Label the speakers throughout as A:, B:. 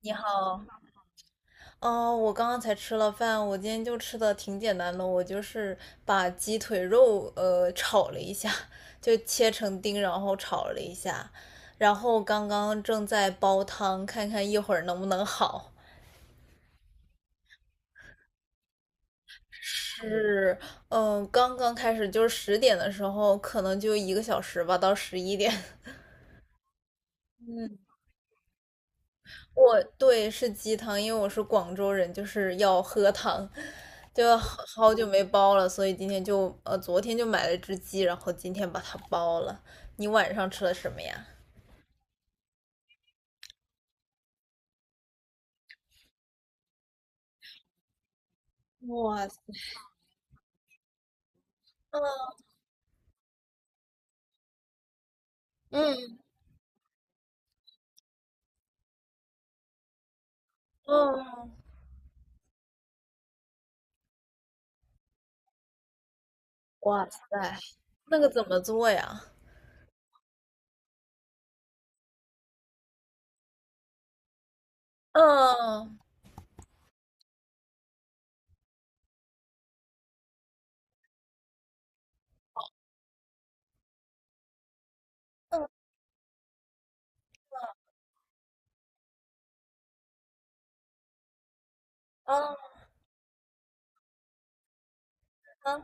A: 你好，哦，我刚刚才吃了饭，我今天就吃的挺简单的，我就是把鸡腿肉炒了一下，就切成丁，然后炒了一下，然后刚刚正在煲汤，看看一会儿能不能好。是，刚刚开始就是10点的时候，可能就1个小时吧，到十一点。我对是鸡汤，因为我是广州人，就是要喝汤，就好好久没煲了，所以今天就呃昨天就买了只鸡，然后今天把它煲了。你晚上吃了什么呀？哇塞，嗯嗯，哇塞，那个怎么做呀？嗯嗯嗯嗯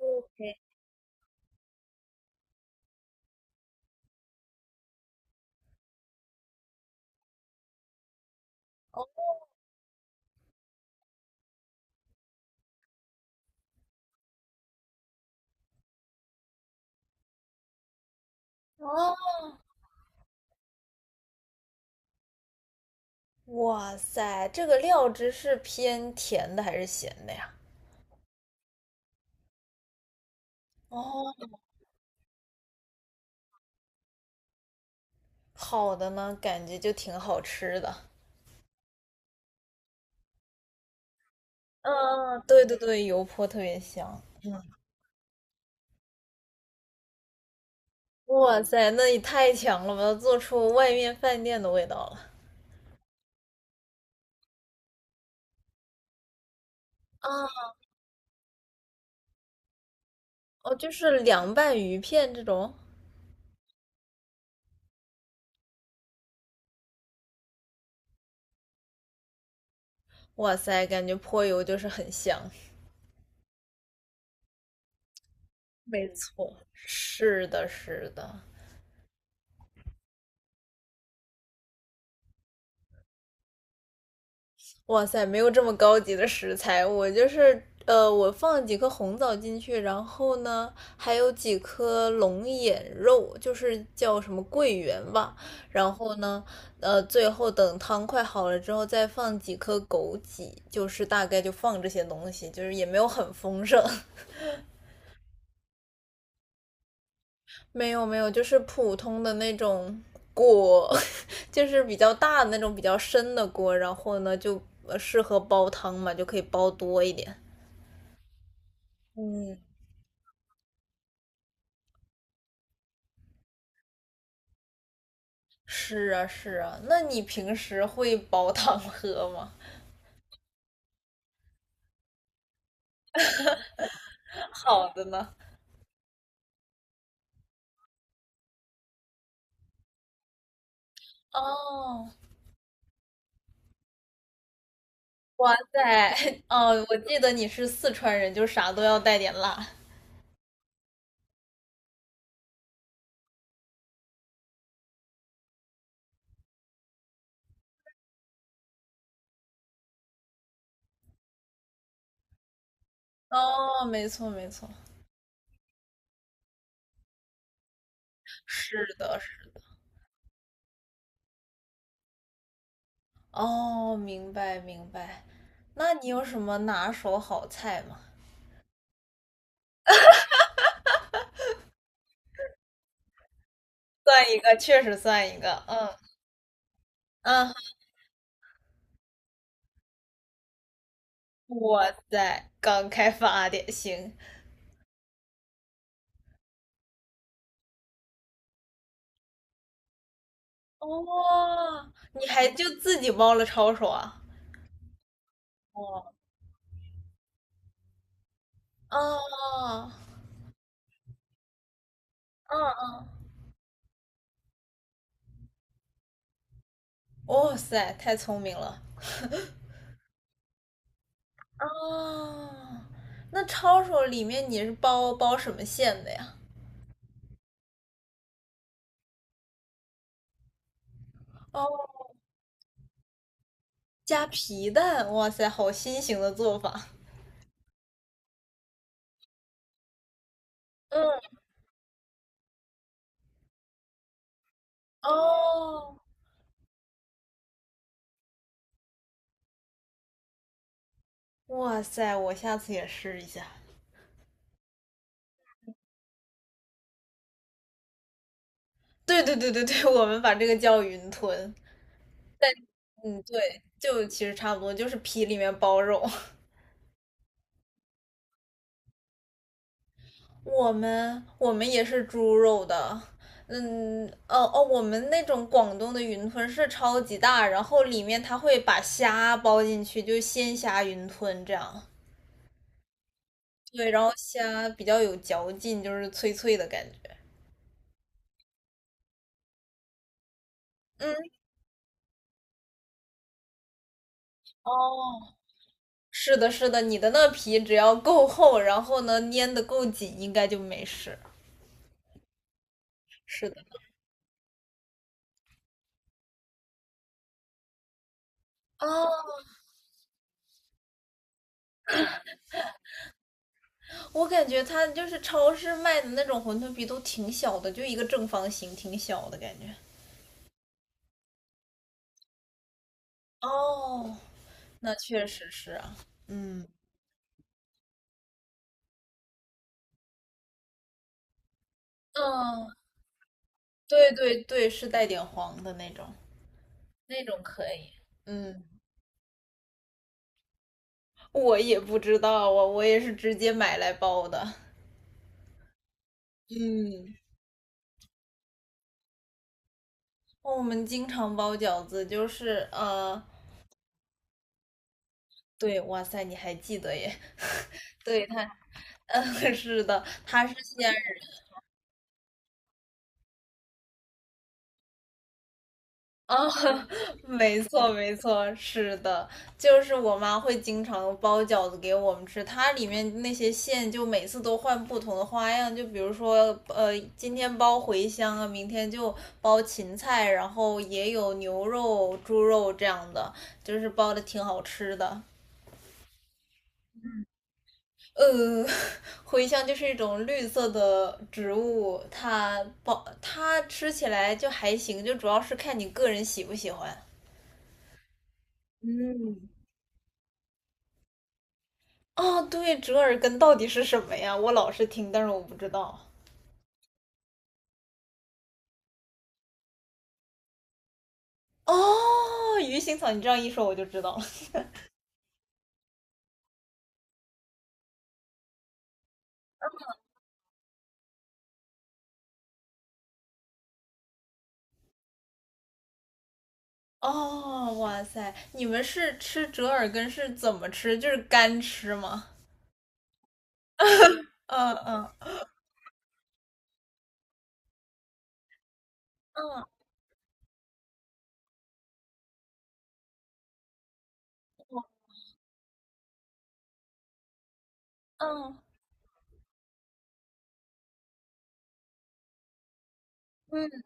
A: ，OK,哦哦，哇塞，这个料汁是偏甜的还是咸的呀？哦，好的呢，感觉就挺好吃的。嗯，对对对，油泼特别香。嗯，哇塞，那也太强了吧，做出外面饭店的味道了。啊，哦，就是凉拌鱼片这种，哇塞，感觉泼油就是很香。没错，是的，是的。哇塞，没有这么高级的食材，我就是我放了几颗红枣进去，然后呢，还有几颗龙眼肉，就是叫什么桂圆吧。然后呢，最后等汤快好了之后，再放几颗枸杞，就是大概就放这些东西，就是也没有很丰盛，没有没有，就是普通的那种锅，就是比较大的那种比较深的锅，然后呢就适合煲汤嘛，就可以煲多一点。嗯，是啊，是啊，那你平时会煲汤喝吗？好的呢。哦，哇塞，哦，我记得你是四川人，就啥都要带点辣。哦，没错，没错，是的，是的，哦，明白，明白。那你有什么拿手好菜吗？算一个，确实算一个。嗯嗯，哇塞，刚开发的，行。哦，你还就自己煲了抄手啊？哦，哦，啊。哇塞，太聪明了啊！那抄手里面你是包什么馅的呀？哦，加皮蛋，哇塞，好新型的做法。嗯，哦，哇塞，我下次也试一下。对对对对对，我们把这个叫云吞。嗯，对，就其实差不多，就是皮里面包肉。我们也是猪肉的，嗯，哦哦，我们那种广东的云吞是超级大，然后里面它会把虾包进去，就鲜虾云吞这样。对，然后虾比较有嚼劲，就是脆脆的感觉。嗯，哦，是的，是的，你的那皮只要够厚，然后呢粘得够紧，应该就没事。是的。哦，我感觉它就是超市卖的那种馄饨皮都挺小的，就一个正方形，挺小的感觉。哦，那确实是啊，嗯嗯，对对对，是带点黄的那种，那种可以。嗯，我也不知道啊，我也是直接买来包的。嗯，我们经常包饺子，就是对，哇塞，你还记得耶？对，他，嗯，是的，他是先，啊，没错，没错，是的，就是我妈会经常包饺子给我们吃，它里面那些馅就每次都换不同的花样，就比如说，今天包茴香啊，明天就包芹菜，然后也有牛肉、猪肉这样的，就是包的挺好吃的。呃，茴香就是一种绿色的植物，它包它吃起来就还行，就主要是看你个人喜不喜欢。嗯，哦，对，折耳根到底是什么呀？我老是听，但是我不知道。哦，鱼腥草，你这样一说我就知道了。哦，哇塞，你们是吃折耳根是怎么吃？就是干吃吗？嗯嗯嗯嗯嗯嗯，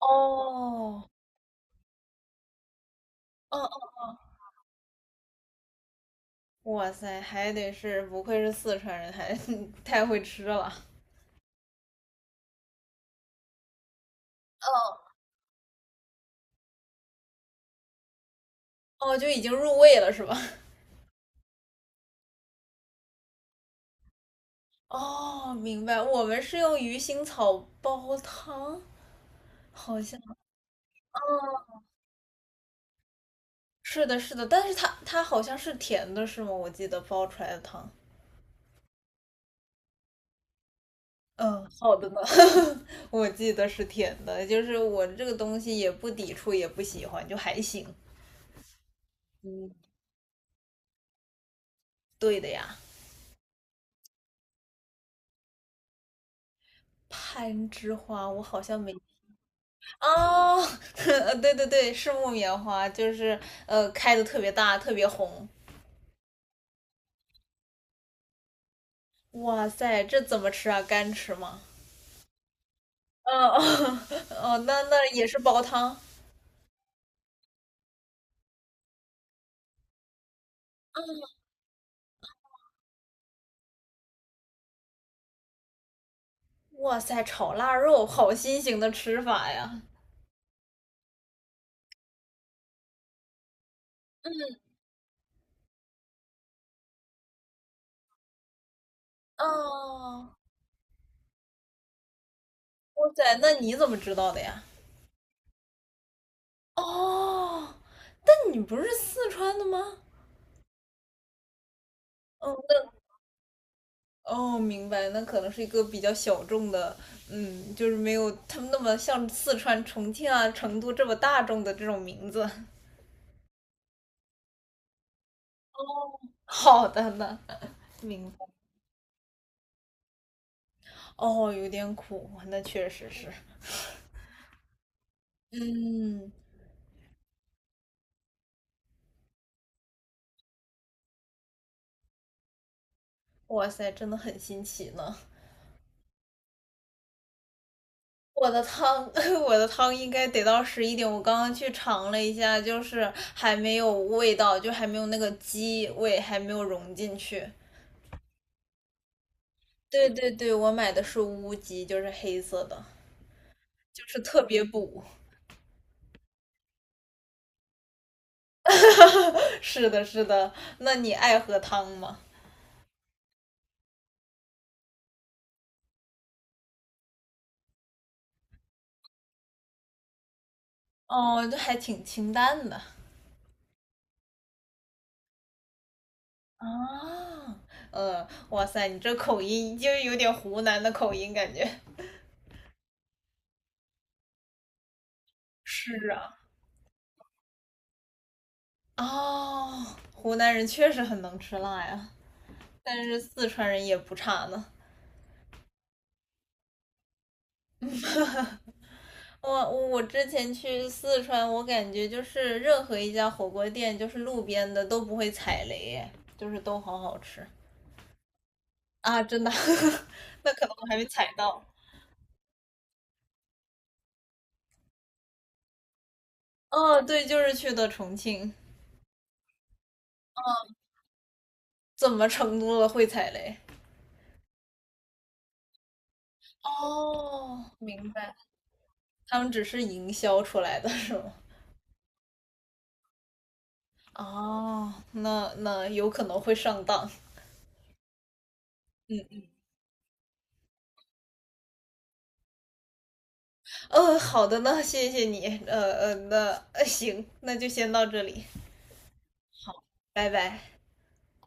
A: 哦，嗯嗯嗯，哇塞，还得是不愧是四川人，还 太会吃了。嗯，哦，就已经入味了是吧？哦，明白，我们是用鱼腥草煲汤，好像。哦，是的，是的，但是它好像是甜的，是吗？我记得煲出来的汤。嗯，好的呢 我记得是甜的，就是我这个东西也不抵触，也不喜欢，就还行。嗯，对的呀。攀枝花，我好像没，哦 对对对，是木棉花，就是开的特别大，特别红。哇塞，这怎么吃啊？干吃吗？嗯，哦 哦，那也是煲汤。哇塞，炒腊肉，好新型的吃法呀。嗯，哦，哇塞，那你怎么知道的呀？哦，那你不是四川的吗？哦，那，哦，明白，那可能是一个比较小众的，嗯，就是没有他们那么像四川、重庆啊、成都这么大众的这种名字。好的呢，明白。哦，有点苦，那确实是。嗯，哇塞，真的很新奇呢。我的汤，我的汤应该得到11点。我刚刚去尝了一下，就是还没有味道，就还没有那个鸡味，还没有融进去。对对对，我买的是乌鸡，就是黑色的，就是特别补。是的，是的。那你爱喝汤吗？哦，就还挺清淡的啊。哇塞，你这口音就有点湖南的口音感觉。是啊。哦，湖南人确实很能吃辣呀。但是四川人也不差呢。我之前去四川，我感觉就是任何一家火锅店，就是路边的都不会踩雷，就是都好好吃啊！真的，那可能我还没踩到。哦，对，就是去的重庆，怎么成都了会踩雷？哦，明白，他们只是营销出来的是吗？哦，那有可能会上当。嗯，哦好的呢，谢谢你。那行，那就先到这里。拜拜。